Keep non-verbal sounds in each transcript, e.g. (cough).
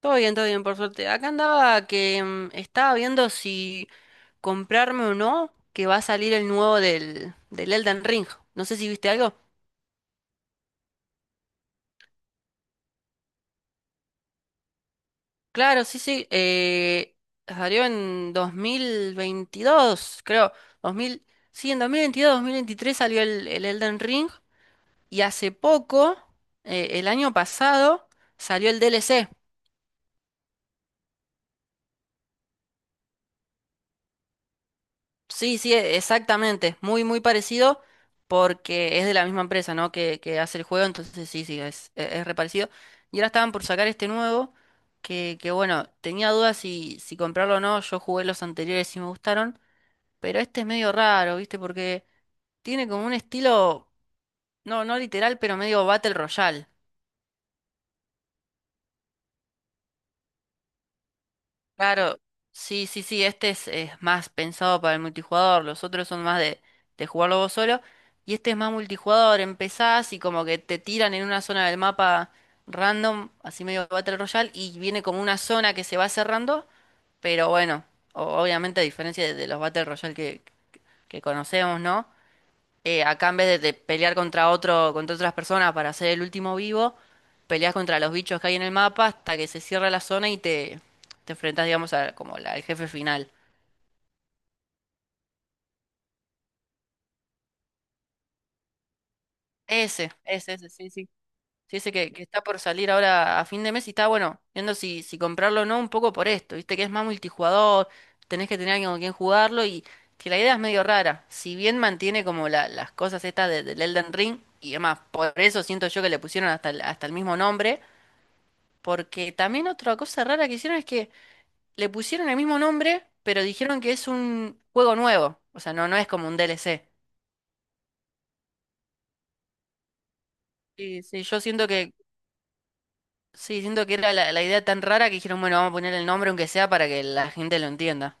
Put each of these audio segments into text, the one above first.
Todo bien, por suerte. Acá andaba que estaba viendo si comprarme o no, que va a salir el nuevo del Elden Ring. No sé si viste algo. Claro, sí, sí. Salió en 2022, creo. 2000 sí, en 2022, 2023 salió el Elden Ring. Y hace poco, el año pasado, salió el DLC. Sí, sí, exactamente. Muy, muy parecido porque es de la misma empresa, ¿no? Que hace el juego, entonces sí, sí, es, es reparecido. Y ahora estaban por sacar este nuevo, que bueno, tenía dudas si comprarlo o no. Yo jugué los anteriores y me gustaron, pero este es medio raro, ¿viste? Porque tiene como un estilo, no literal, pero medio Battle Royale. Claro, sí, sí, sí, este es más pensado para el multijugador, los otros son más de jugarlo vos solo, y este es más multijugador, empezás y como que te tiran en una zona del mapa random, así medio Battle Royale, y viene como una zona que se va cerrando, pero bueno, obviamente a diferencia de los Battle Royale que conocemos, ¿no? Acá en vez de pelear contra otro, contra otras personas para ser el último vivo, peleas contra los bichos que hay en el mapa hasta que se cierra la zona y te enfrentas, digamos, a, como al jefe final. Ese, sí, sí. Sí, ese que está por salir ahora a fin de mes y está, bueno, viendo si comprarlo o no, un poco por esto, viste que es más multijugador, tenés que tener alguien con quien jugarlo y que la idea es medio rara. Si bien mantiene como las cosas estas del Elden Ring y demás, por eso siento yo que le pusieron hasta hasta el mismo nombre. Porque también otra cosa rara que hicieron es que le pusieron el mismo nombre, pero dijeron que es un juego nuevo. O sea, no, no es como un DLC. Sí, sí, yo siento sí, siento que era la idea tan rara que dijeron, bueno, vamos a poner el nombre aunque sea para que la gente lo entienda.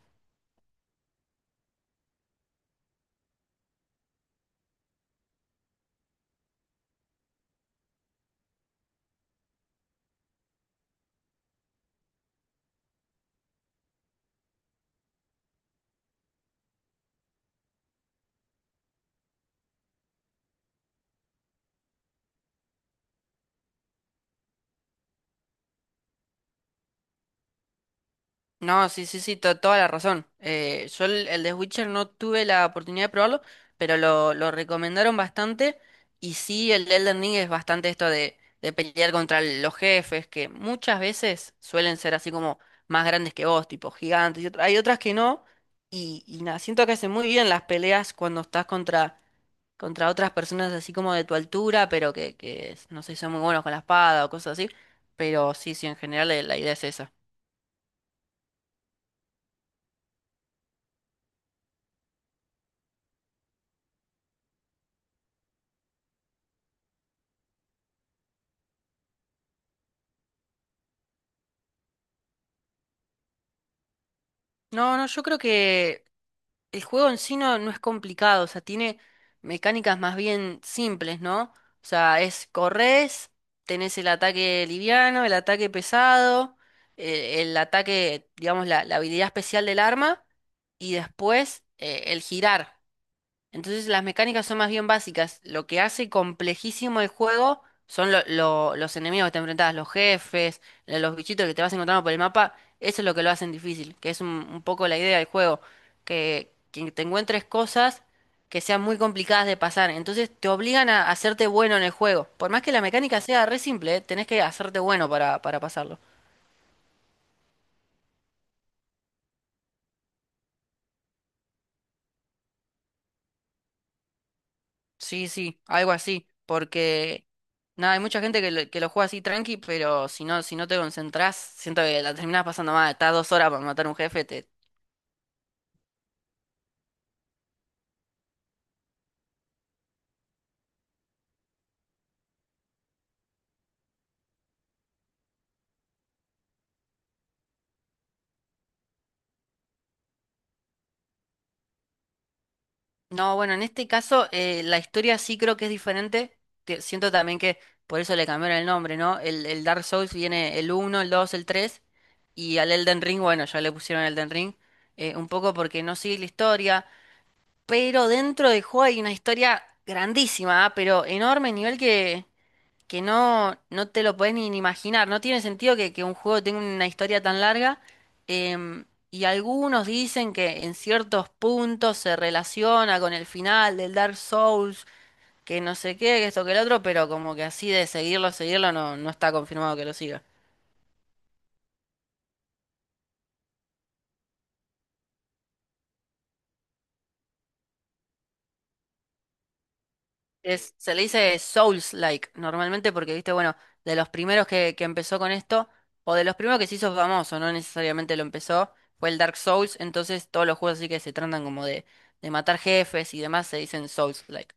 No, sí, sí, sí, toda la razón. Yo el de Witcher no tuve la oportunidad de probarlo, pero lo recomendaron bastante. Y sí, el de Elden Ring es bastante esto de pelear contra los jefes, que muchas veces suelen ser así como más grandes que vos, tipo gigantes. Y hay otras que no. Y nada, siento que hacen muy bien las peleas cuando estás contra, contra otras personas así como de tu altura, pero que no sé, son muy buenos con la espada o cosas así. Pero sí, sí, en general la idea es esa. No, no, yo creo que el juego en sí no, no es complicado, o sea, tiene mecánicas más bien simples, ¿no? O sea, es corres, tenés el ataque liviano, el ataque pesado, ataque, digamos, la habilidad especial del arma, y después el girar. Entonces las mecánicas son más bien básicas. Lo que hace complejísimo el juego son los enemigos que te enfrentas, los jefes, los bichitos que te vas encontrando por el mapa. Eso es lo que lo hacen difícil, que es un poco la idea del juego, que te encuentres cosas que sean muy complicadas de pasar. Entonces te obligan a hacerte bueno en el juego. Por más que la mecánica sea re simple, ¿eh? Tenés que hacerte bueno para pasarlo. Sí, sí, algo así, porque nada, hay mucha gente que que lo juega así tranqui, pero si no, si no te concentrás, siento que la terminás pasando mal, estás 2 horas para matar a un jefe, te... No, bueno, en este caso la historia sí creo que es diferente, siento también que por eso le cambiaron el nombre, ¿no? El Dark Souls viene el uno, el 2, el 3, y al Elden Ring, bueno, ya le pusieron Elden Ring, un poco porque no sigue la historia, pero dentro del juego hay una historia grandísima, ah, pero enorme, nivel que... Que no, no te lo podés ni ni imaginar. No tiene sentido que un juego tenga una historia tan larga. em, y algunos dicen que en ciertos puntos se relaciona con el final del Dark Souls, que no sé qué, que esto que el otro, pero como que así de seguirlo, seguirlo, no, no está confirmado que lo siga. Es, se le dice Souls-like normalmente porque, viste, bueno, de los primeros que empezó con esto, o de los primeros que se hizo famoso, no necesariamente lo empezó, fue el Dark Souls, entonces todos los juegos así que se tratan como de matar jefes y demás se dicen Souls-like.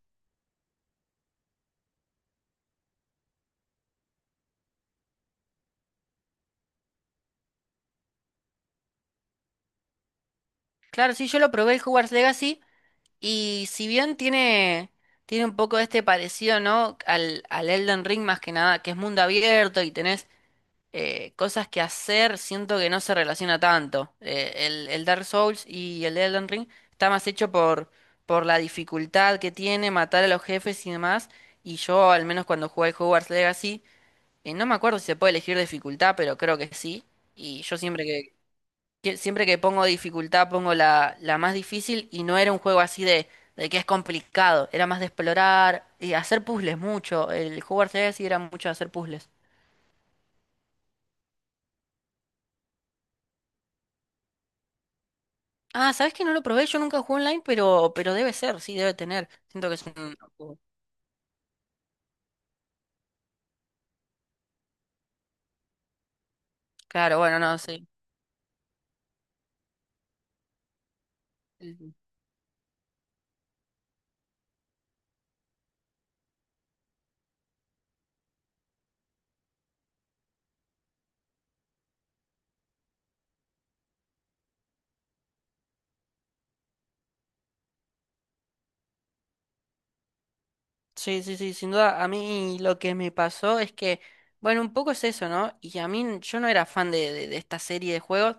Claro, sí, yo lo probé el Hogwarts Legacy y si bien tiene, tiene un poco este parecido, ¿no? Al Elden Ring más que nada, que es mundo abierto y tenés cosas que hacer, siento que no se relaciona tanto. El Dark Souls y el Elden Ring está más hecho por la dificultad que tiene, matar a los jefes y demás. Y yo, al menos cuando jugué Hogwarts Legacy, no me acuerdo si se puede elegir dificultad, pero creo que sí. Y yo siempre siempre que pongo dificultad pongo la más difícil y no era un juego así de que es complicado, era más de explorar y hacer puzzles mucho. El Hogwarts Legacy era mucho de hacer puzzles. Ah, ¿sabes que no lo probé? Yo nunca jugué online, pero debe ser, sí, debe tener. Siento que es un... Claro, bueno, no, sí. Sí, sí, sí, sin duda. A mí lo que me pasó es que, bueno, un poco es eso, ¿no? Y a mí yo no era fan de esta serie de juegos.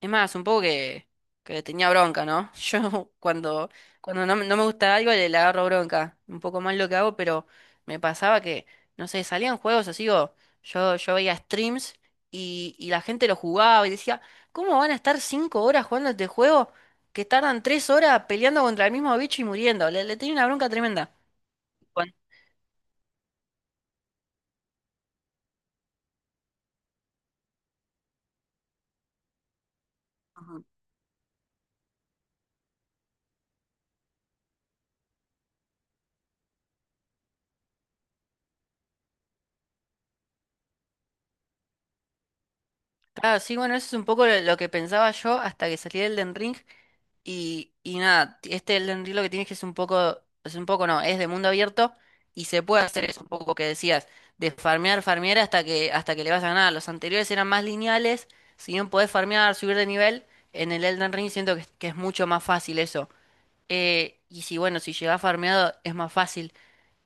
Es más, un poco que le tenía bronca, ¿no? (laughs) Yo cuando, cuando no, me no me gusta algo le agarro bronca. Un poco más lo que hago, pero me pasaba que, no sé, salían juegos así o yo veía streams y la gente lo jugaba y decía, ¿cómo van a estar 5 horas jugando este juego que tardan 3 horas peleando contra el mismo bicho y muriendo? Le tenía una bronca tremenda. Ajá. Claro, sí, bueno, eso es un poco lo que pensaba yo hasta que salí del Elden Ring. Y nada, este Elden Ring lo que tienes que es un poco no, es de mundo abierto y se puede hacer eso, un poco que decías, de farmear, farmear hasta que le vas a ganar. Los anteriores eran más lineales, si bien podés farmear, subir de nivel, en el Elden Ring siento es que es mucho más fácil eso. Y si bueno, si llegás farmeado es más fácil.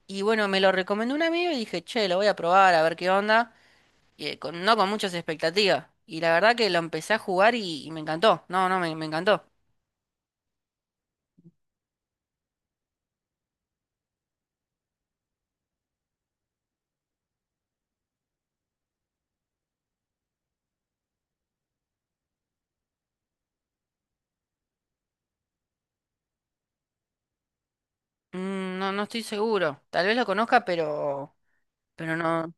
Y bueno, me lo recomendó un amigo y dije, che, lo voy a probar a ver qué onda. No con muchas expectativas. Y la verdad que lo empecé a jugar y me encantó. No, no, me encantó. Mm, no, no estoy seguro. Tal vez lo conozca, pero no,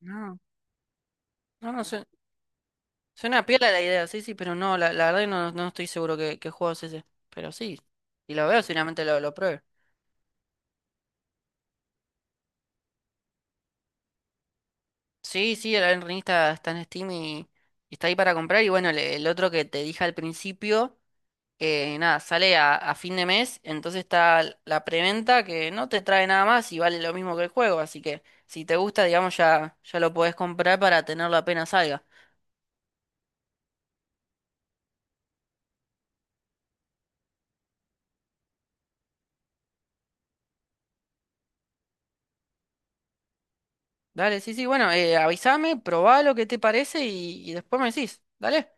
no, no, no sé. Suena piola la idea, sí, sí, pero no, la verdad que no, no estoy seguro qué, qué juego es ese. Pero sí, si lo veo, seguramente lo pruebe. Sí, sí, el Elden Ring está, está en Steam y está ahí para comprar. Y bueno, el otro que te dije al principio. Nada, sale a fin de mes, entonces está la preventa que no te trae nada más y vale lo mismo que el juego, así que si te gusta, digamos, ya, ya lo podés comprar para tenerlo apenas salga. Dale, sí, sí, bueno, avísame, probá lo que te parece y después me decís, dale.